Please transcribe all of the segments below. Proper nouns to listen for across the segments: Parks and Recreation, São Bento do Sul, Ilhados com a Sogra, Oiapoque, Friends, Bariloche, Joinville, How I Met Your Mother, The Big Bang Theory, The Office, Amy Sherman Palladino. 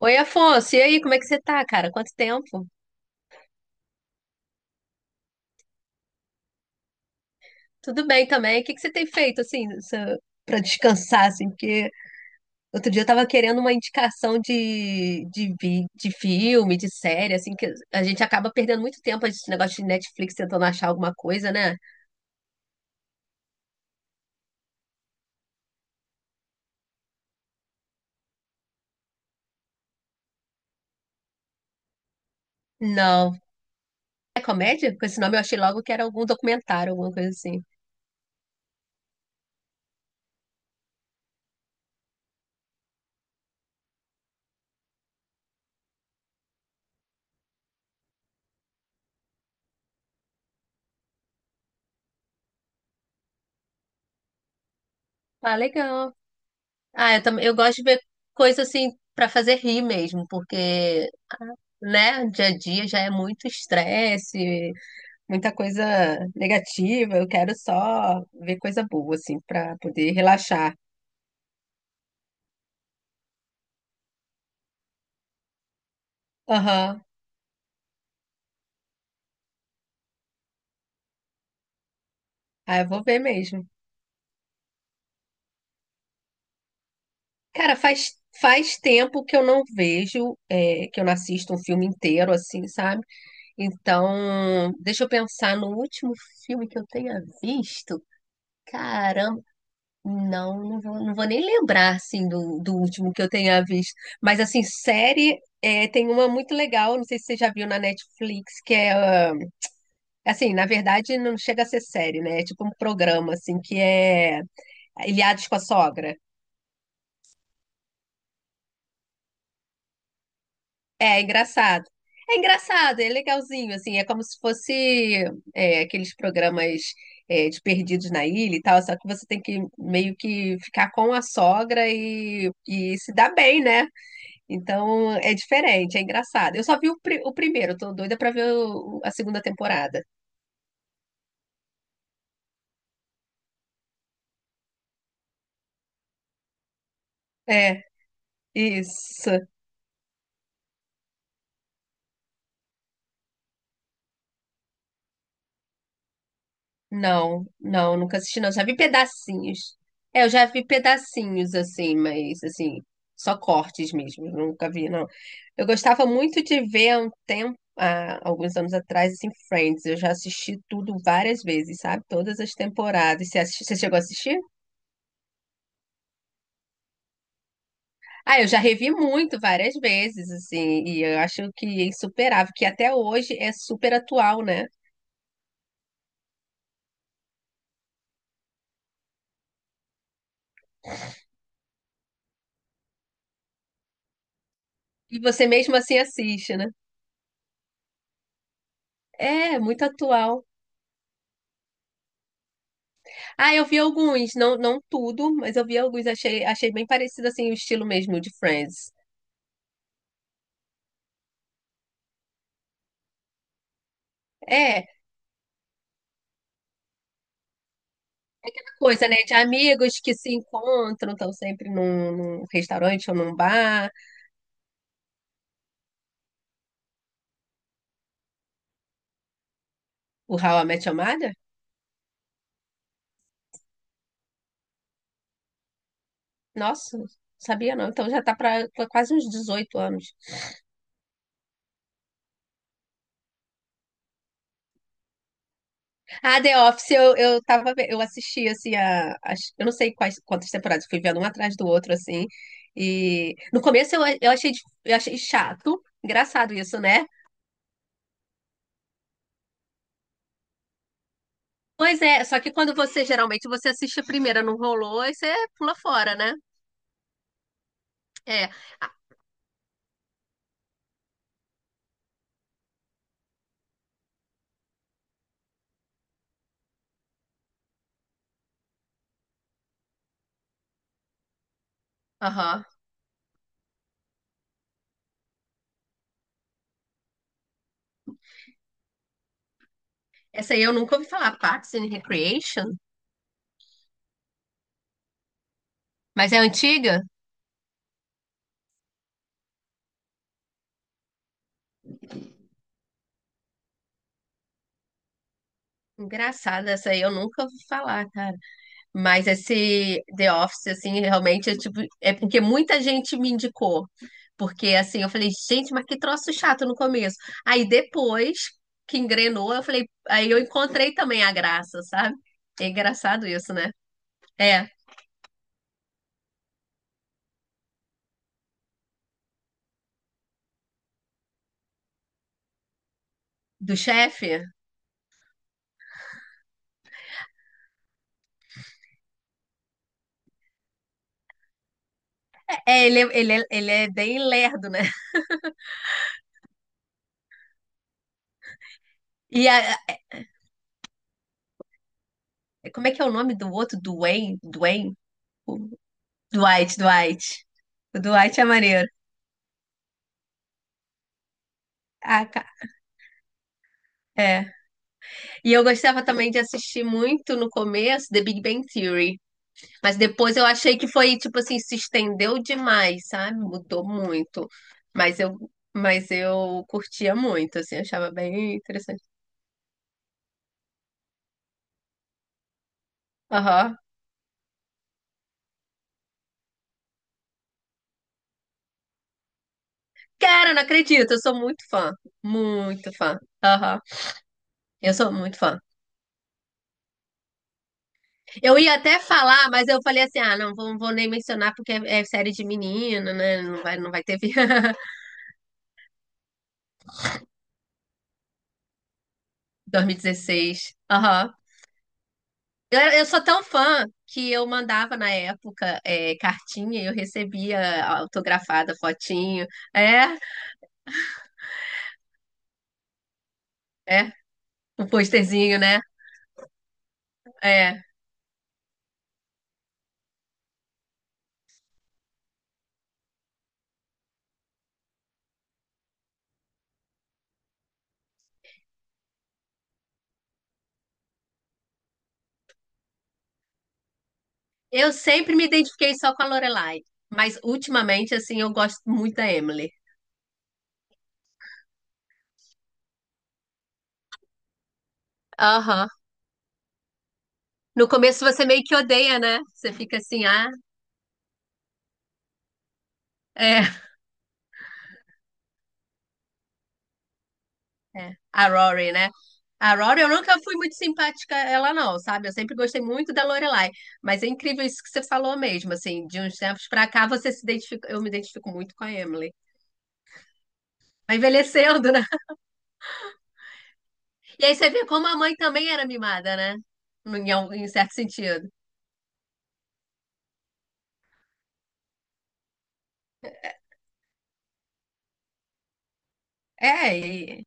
Oi, Afonso, e aí, como é que você tá, cara? Quanto tempo? Tudo bem também? O que que você tem feito, assim, pra descansar, assim? Porque outro dia eu tava querendo uma indicação de filme, de série, assim, que a gente acaba perdendo muito tempo esse negócio de Netflix tentando achar alguma coisa, né? Não. É comédia? Com esse nome eu achei logo que era algum documentário, alguma coisa assim. Ah, legal. Ah, eu também, eu gosto de ver coisa, assim, pra fazer rir mesmo, porque, né, dia a dia já é muito estresse, muita coisa negativa, eu quero só ver coisa boa, assim, pra poder relaxar. Aham. Ah, eu vou ver mesmo. Cara, faz tempo que eu não vejo, que eu não assisto um filme inteiro, assim, sabe? Então, deixa eu pensar no último filme que eu tenha visto. Caramba, não vou, não vou nem lembrar, assim, do último que eu tenha visto. Mas, assim, série, é, tem uma muito legal, não sei se você já viu na Netflix, que é. Assim, na verdade, não chega a ser série, né? É tipo um programa, assim, que é Ilhados com a Sogra. É, é engraçado. É engraçado, é legalzinho, assim, é como se fosse aqueles programas de Perdidos na Ilha e tal, só que você tem que meio que ficar com a sogra e se dar bem, né? Então é diferente, é engraçado. Eu só vi o primeiro, eu tô doida pra ver a segunda temporada. É, isso. Não, não, nunca assisti não. Já vi pedacinhos. É, eu já vi pedacinhos assim, mas assim, só cortes mesmo, nunca vi não. Eu gostava muito de ver há um tempo, há alguns anos atrás, assim, Friends. Eu já assisti tudo várias vezes, sabe? Todas as temporadas. Você, você chegou a assistir? Ah, eu já revi muito várias vezes, assim, e eu acho que é insuperável, que até hoje é super atual, né? E você mesmo assim assiste, né? É, muito atual. Ah, eu vi alguns, não, não tudo, mas eu vi alguns, achei, achei bem parecido assim o estilo mesmo de Friends. É, coisa, né, de amigos que se encontram, estão sempre num, num restaurante ou num bar. O How I Met Your Mother? Nossa, sabia não. Então já tá para quase uns 18 anos. Ah, The Office, eu tava, eu assisti assim eu não sei quais quantas temporadas, fui vendo um atrás do outro assim. E no começo eu achei, eu achei chato. Engraçado isso, né? Pois é, só que quando você geralmente você assiste a primeira, não rolou, aí você pula fora, né? É. Ah, aham. Essa aí eu nunca ouvi falar, Parks and Recreation, mas é antiga? Engraçada, essa aí eu nunca ouvi falar, cara. Mas esse The Office, assim, realmente é tipo, é porque muita gente me indicou. Porque assim, eu falei, gente, mas que troço chato no começo. Aí depois que engrenou, eu falei, aí eu encontrei também a graça, sabe? É engraçado isso, né? É, do chefe. Ele é bem lerdo, né? E a- como é que é o nome do outro? Dwayne? O Dwight. O Dwight é maneiro. Ah, ca- é. E eu gostava também de assistir muito no começo The Big Bang Theory. Mas depois eu achei que foi, tipo assim, se estendeu demais, sabe? Mudou muito. Mas eu, mas eu curtia muito, assim, achava bem interessante. Aham. Cara, não acredito, eu sou muito fã. Muito fã. Aham. Eu sou muito fã. Eu ia até falar, mas eu falei assim: ah, não vou, vou nem mencionar porque é série de menino, né? Não vai, não vai ter. Vi- 2016. Aham. Eu sou tão fã que eu mandava na época cartinha e eu recebia autografada, fotinho. É, é, um posterzinho, né? É. Eu sempre me identifiquei só com a Lorelai, mas ultimamente, assim, eu gosto muito da Emily. Aham. No começo você meio que odeia, né? Você fica assim, ah, é, é. A Rory, né? A Rory, eu nunca fui muito simpática a ela não, sabe? Eu sempre gostei muito da Lorelai, mas é incrível isso que você falou mesmo, assim, de uns tempos pra cá você se identifica, eu me identifico muito com a Emily. Vai envelhecendo, né? E aí você vê como a mãe também era mimada, né? Em certo sentido. É, e,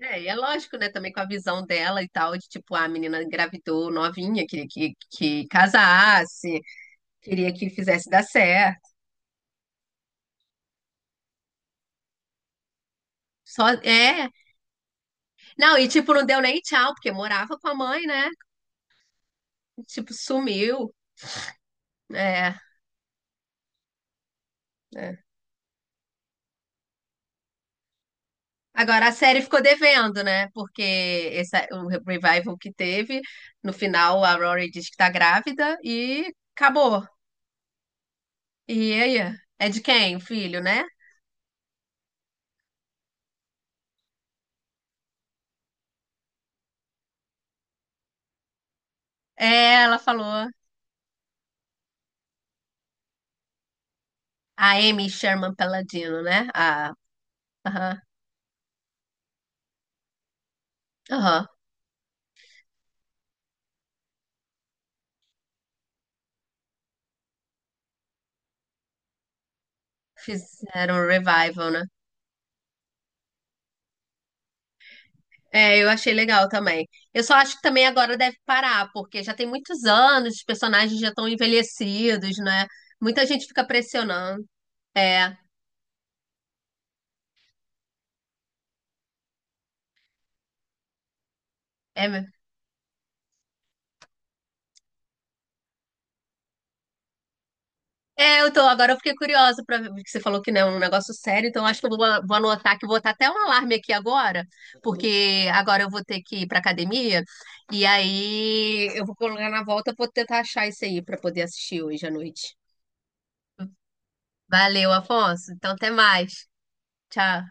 e é lógico, né, também com a visão dela e tal, de tipo, ah, a menina engravidou novinha, que casasse, queria que fizesse dar certo. Só, é. Não, e tipo, não deu nem tchau, porque morava com a mãe, né? Tipo, sumiu. É, é. Agora a série ficou devendo, né? Porque esse, é o revival que teve, no final a Rory diz que tá grávida e acabou. E aí? É de quem? O filho, né? É, ela falou. A Amy Sherman Palladino, né? A, aham, aham. Fizeram um revival, né? É, eu achei legal também. Eu só acho que também agora deve parar, porque já tem muitos anos, os personagens já estão envelhecidos, né? Muita gente fica pressionando. É, é, mesmo. É, eu tô, agora eu fiquei curiosa para ver, porque você falou que não é um negócio sério, então acho que vou anotar que vou botar até um alarme aqui agora, porque agora eu vou ter que ir pra academia, e aí eu vou colocar na volta, vou tentar achar isso aí pra poder assistir hoje à noite. Valeu, Afonso. Então até mais. Tchau.